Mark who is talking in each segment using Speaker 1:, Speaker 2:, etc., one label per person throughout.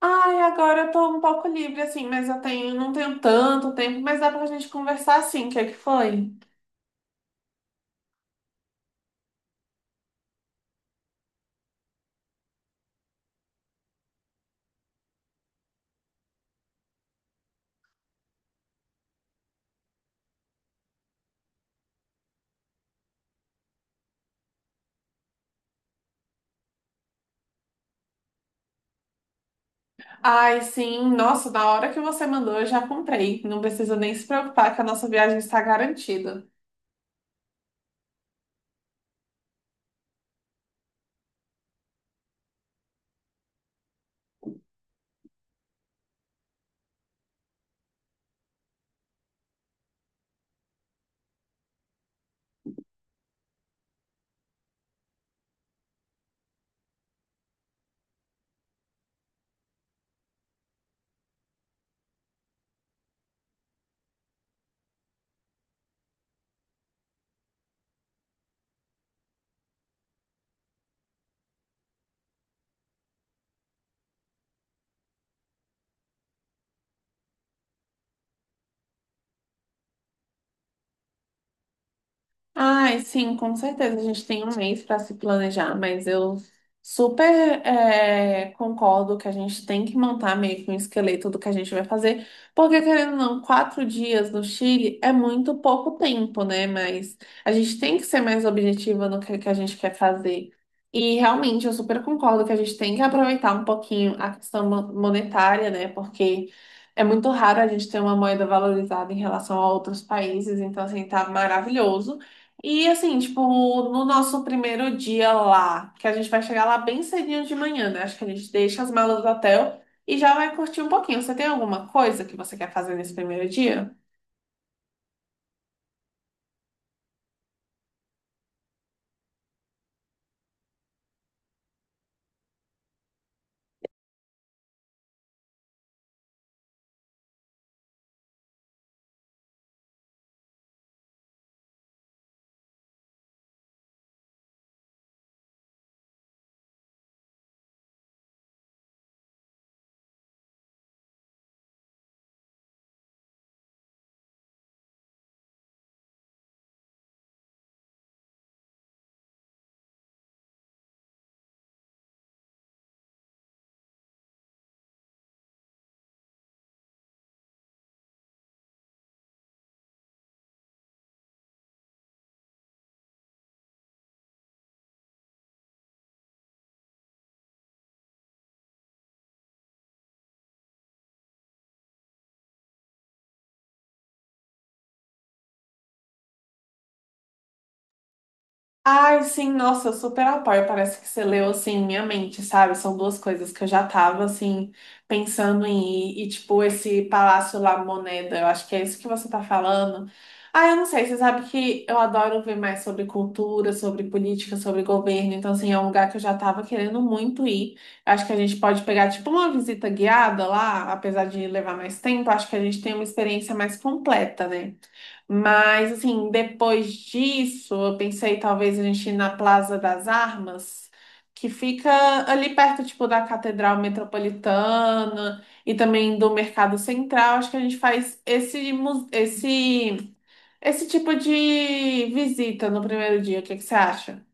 Speaker 1: Ai, agora eu tô um pouco livre, assim, mas eu tenho, não tenho tanto tempo, mas dá pra gente conversar assim, o que é que foi? Ai, sim, nossa, na hora que você mandou, eu já comprei. Não precisa nem se preocupar que a nossa viagem está garantida. Ai, sim, com certeza. A gente tem um mês para se planejar, mas eu super concordo que a gente tem que montar meio que um esqueleto do que a gente vai fazer, porque querendo ou não, 4 dias no Chile é muito pouco tempo, né? Mas a gente tem que ser mais objetiva no que a gente quer fazer. E realmente eu super concordo que a gente tem que aproveitar um pouquinho a questão monetária, né? Porque é muito raro a gente ter uma moeda valorizada em relação a outros países, então assim, tá maravilhoso. E assim, tipo, no nosso primeiro dia lá, que a gente vai chegar lá bem cedinho de manhã, né? Acho que a gente deixa as malas do hotel e já vai curtir um pouquinho. Você tem alguma coisa que você quer fazer nesse primeiro dia? Ai, sim, nossa, super ao par. Parece que você leu assim minha mente, sabe? São duas coisas que eu já tava assim pensando em ir. E tipo, esse Palácio La Moneda, eu acho que é isso que você tá falando. Ah, eu não sei, você sabe que eu adoro ver mais sobre cultura, sobre política, sobre governo. Então, assim, é um lugar que eu já tava querendo muito ir. Acho que a gente pode pegar tipo uma visita guiada lá, apesar de levar mais tempo, acho que a gente tem uma experiência mais completa, né? Mas, assim, depois disso, eu pensei talvez a gente ir na Plaza das Armas, que fica ali perto, tipo, da Catedral Metropolitana e também do Mercado Central. Acho que a gente faz esse tipo de visita no primeiro dia. O que que você acha?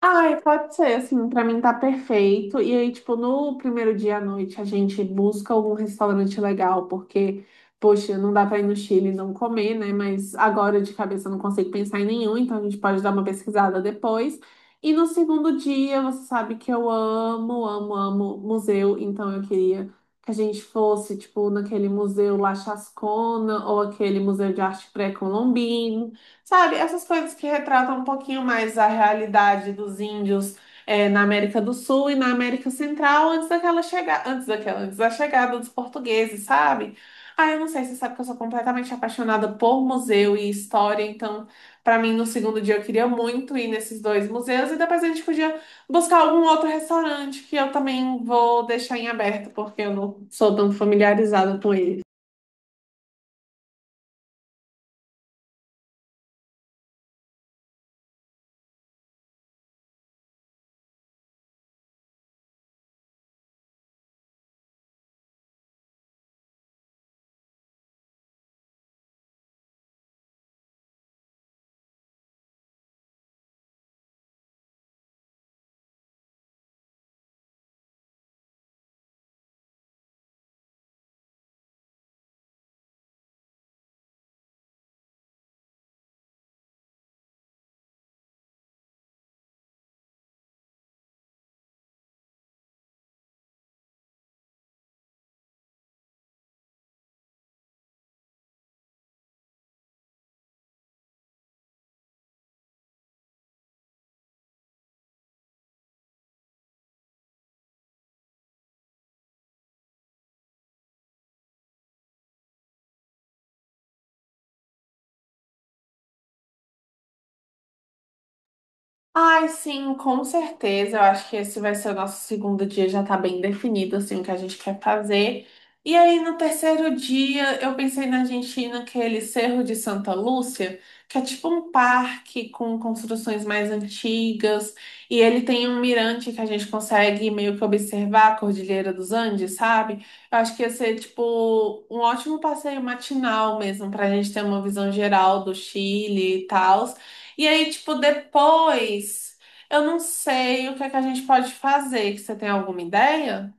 Speaker 1: Ai, pode ser, assim, pra mim tá perfeito. E aí, tipo, no primeiro dia à noite a gente busca algum restaurante legal, porque, poxa, não dá pra ir no Chile e não comer, né? Mas agora de cabeça eu não consigo pensar em nenhum, então a gente pode dar uma pesquisada depois. E no segundo dia, você sabe que eu amo, amo, amo museu, então eu queria que a gente fosse, tipo, naquele museu lá Chascona ou aquele museu de arte pré-colombino. Sabe, essas coisas que retratam um pouquinho mais a realidade dos índios na América do Sul e na América Central antes daquela chega... antes daquela, antes da chegada dos portugueses, sabe? Ah, eu não sei, você sabe que eu sou completamente apaixonada por museu e história, então, para mim, no segundo dia eu queria muito ir nesses dois museus e depois a gente podia buscar algum outro restaurante que eu também vou deixar em aberto, porque eu não sou tão familiarizada com ele. Ai, sim, com certeza. Eu acho que esse vai ser o nosso segundo dia, já tá bem definido, assim, o que a gente quer fazer. E aí, no terceiro dia, eu pensei na gente ir naquele Cerro de Santa Lúcia, que é tipo um parque com construções mais antigas, e ele tem um mirante que a gente consegue meio que observar a Cordilheira dos Andes, sabe? Eu acho que ia ser, tipo, um ótimo passeio matinal mesmo, pra gente ter uma visão geral do Chile e tal. E aí, tipo, depois, eu não sei o que é que a gente pode fazer. Que você tem alguma ideia?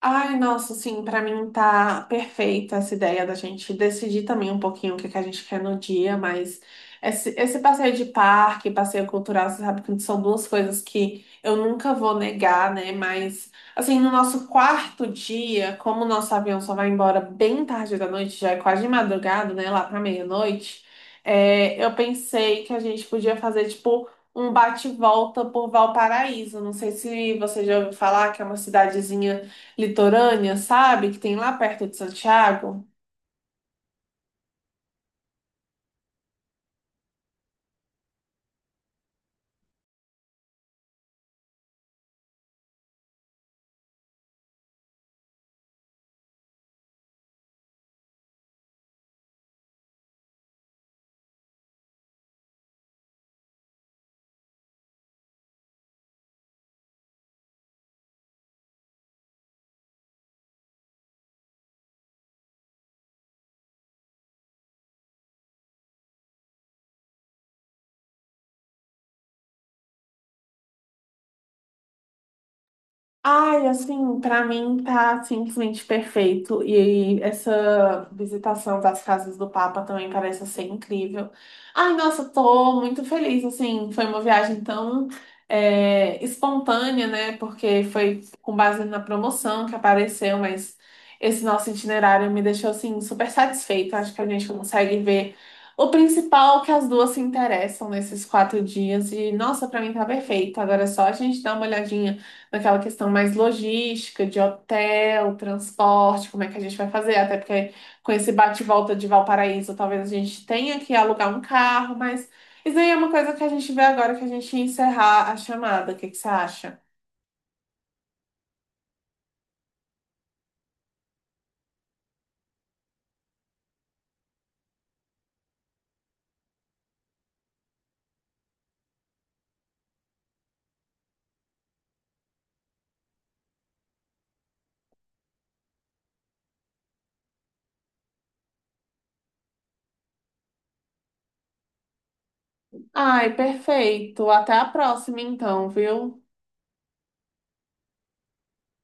Speaker 1: Ai, nossa, sim, pra mim tá perfeita essa ideia da gente decidir também um pouquinho o que que a gente quer no dia, mas esse passeio de parque, passeio cultural, você sabe que são duas coisas que eu nunca vou negar, né? Mas, assim, no nosso quarto dia, como o nosso avião só vai embora bem tarde da noite, já é quase de madrugada, né? Lá pra meia-noite, eu pensei que a gente podia fazer, tipo, um bate-volta por Valparaíso. Não sei se você já ouviu falar que é uma cidadezinha litorânea, sabe? Que tem lá perto de Santiago. Ai, assim, pra mim tá simplesmente perfeito. E essa visitação das casas do Papa também parece ser incrível. Ai, nossa, tô muito feliz, assim, foi uma viagem tão espontânea, né? Porque foi com base na promoção que apareceu, mas esse nosso itinerário me deixou, assim, super satisfeita. Acho que a gente consegue ver o principal que as duas se interessam nesses 4 dias. E, nossa, pra mim tá perfeito. Agora é só a gente dar uma olhadinha aquela questão mais logística, de hotel, transporte, como é que a gente vai fazer? Até porque com esse bate e volta de Valparaíso, talvez a gente tenha que alugar um carro, mas isso aí é uma coisa que a gente vê agora que a gente ia encerrar a chamada. O que que você acha? Ai, perfeito. Até a próxima, então, viu?